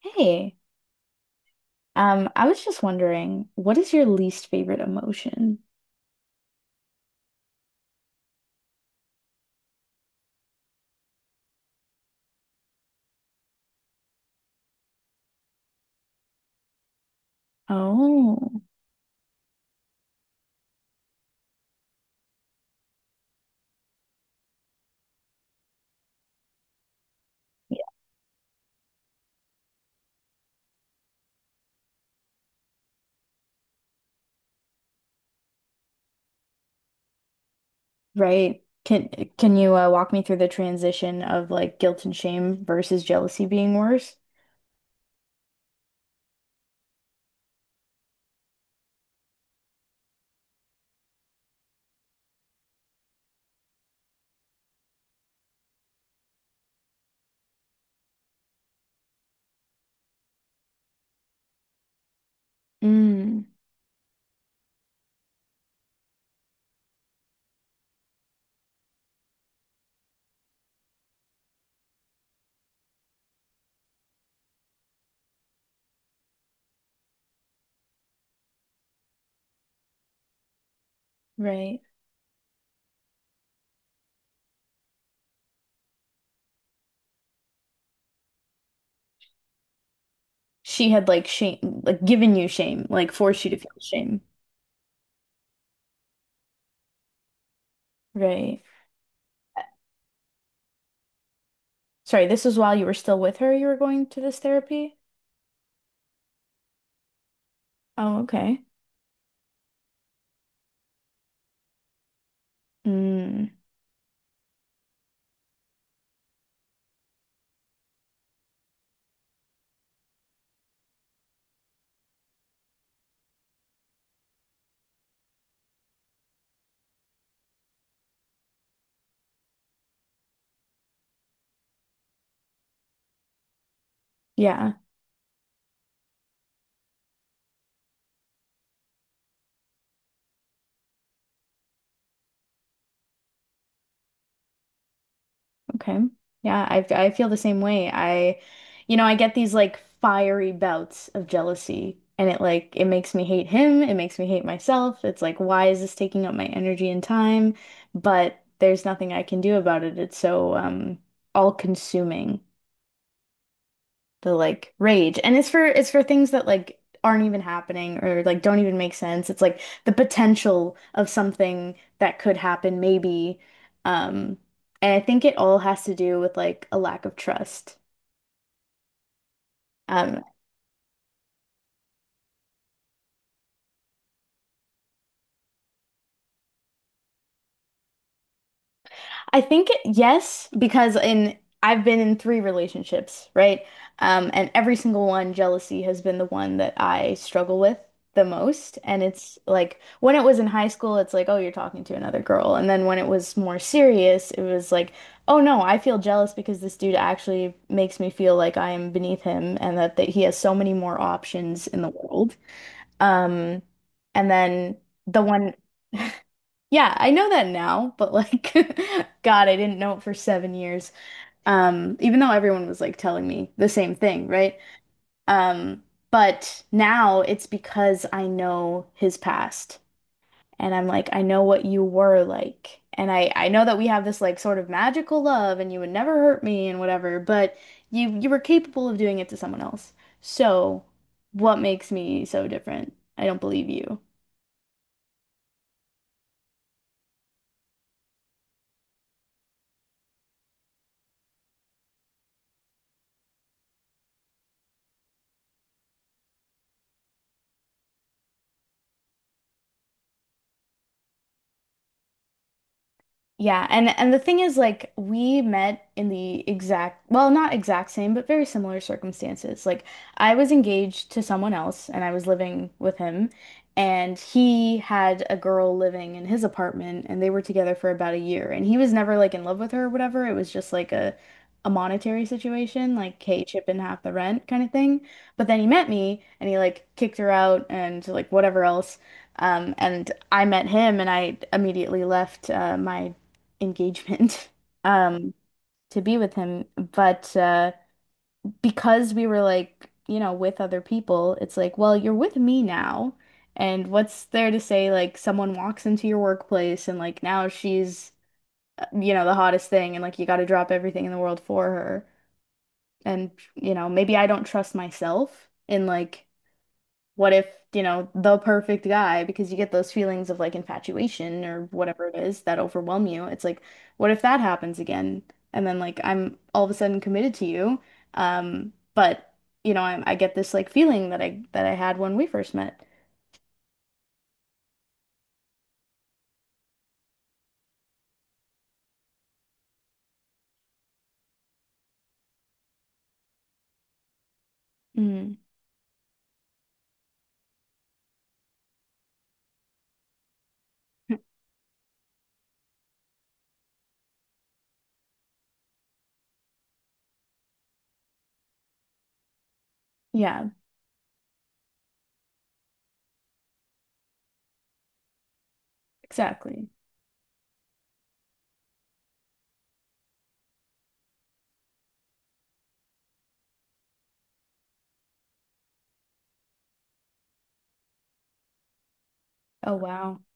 Hey, I was just wondering, what is your least favorite emotion? Oh, yeah, right. Can you walk me through the transition of like guilt and shame versus jealousy being worse? Mm, right. She had like shame, like given you shame, like forced you to feel shame. Right. Sorry, this was while you were still with her, you were going to this therapy? Oh, okay. Mm, yeah. Okay. Yeah, I feel the same way. I get these like fiery bouts of jealousy and it like it makes me hate him, it makes me hate myself. It's like, why is this taking up my energy and time? But there's nothing I can do about it. It's so all consuming the like rage. And it's for things that like aren't even happening or like don't even make sense. It's like the potential of something that could happen maybe. Um and I think it all has to do with like a lack of trust. Um I think yes, because in I've been in three relationships, right? And every single one, jealousy has been the one that I struggle with the most. And it's like when it was in high school, it's like, oh, you're talking to another girl. And then when it was more serious, it was like, oh no, I feel jealous because this dude actually makes me feel like I am beneath him and that, that he has so many more options in the world. Um, and then the one Yeah, I know that now, but like, God, I didn't know it for 7 years. Even though everyone was like telling me the same thing, right? Um, but now it's because I know his past, and I'm like, I know what you were like, and I know that we have this like sort of magical love, and you would never hurt me and whatever, but you were capable of doing it to someone else. So, what makes me so different? I don't believe you. Yeah, and the thing is like we met in the exact, well, not exact same, but very similar circumstances. Like I was engaged to someone else and I was living with him, and he had a girl living in his apartment, and they were together for about a year, and he was never like in love with her or whatever. It was just like a monetary situation, like hey, chip in half the rent kind of thing. But then he met me and he like kicked her out and like whatever else. And I met him, and I immediately left my engagement um to be with him, but because we were like with other people. It's like, well, you're with me now, and what's there to say, like someone walks into your workplace and like now she's the hottest thing and like you got to drop everything in the world for her, and maybe I don't trust myself in like what if, the perfect guy, because you get those feelings of like infatuation or whatever it is that overwhelm you. It's like, what if that happens again? And then like I'm all of a sudden committed to you. But I get this like feeling that I had when we first met. Mm. Yeah, exactly. Oh wow.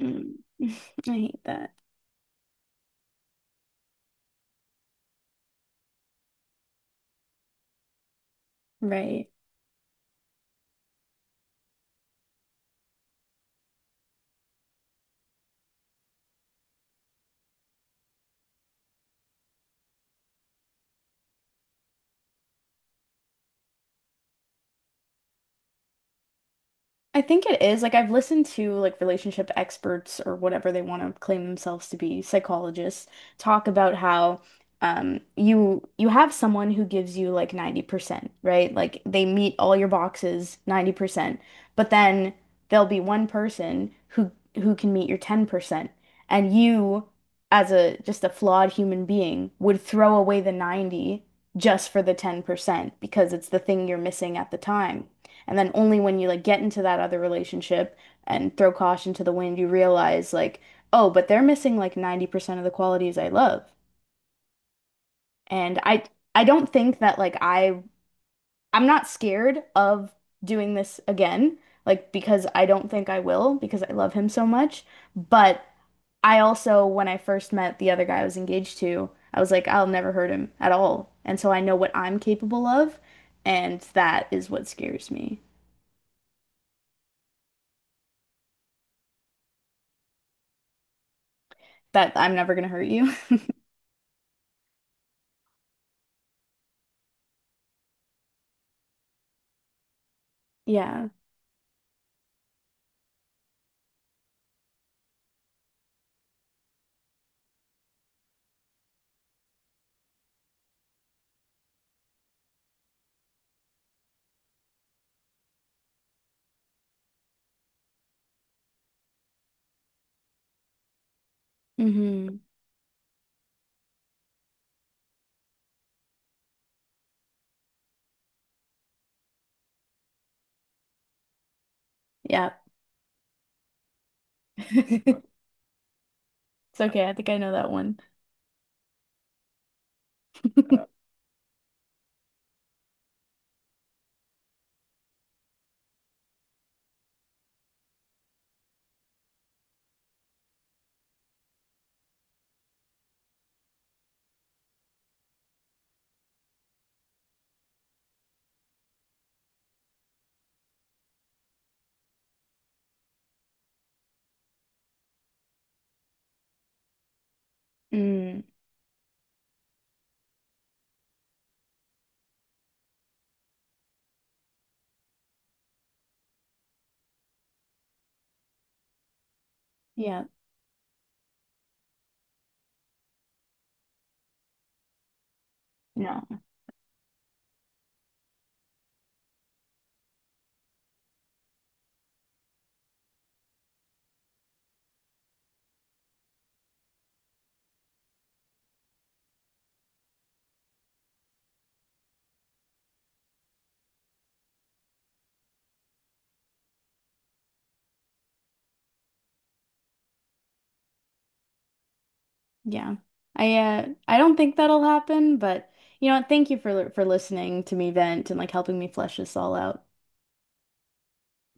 Mm. I hate that. Right. I think it is. Like I've listened to like relationship experts or whatever they want to claim themselves to be, psychologists, talk about how you have someone who gives you like 90%, right? Like they meet all your boxes 90%, but then there'll be one person who can meet your 10%. And you as a just a flawed human being would throw away the 90 just for the 10% because it's the thing you're missing at the time. And then only when you like get into that other relationship and throw caution to the wind, you realize like, oh, but they're missing like 90% of the qualities I love. And I don't think that I'm not scared of doing this again, like because I don't think I will because I love him so much. But I also, when I first met the other guy I was engaged to, I was like, I'll never hurt him at all. And so I know what I'm capable of, and that is what scares me. That I'm never gonna hurt you. Yeah. Mm-hmm. Yeah. It's okay. I think I know that one. Mm. Yeah. No. Yeah. I don't think that'll happen, but you know what? Thank you for listening to me vent and like helping me flesh this all out.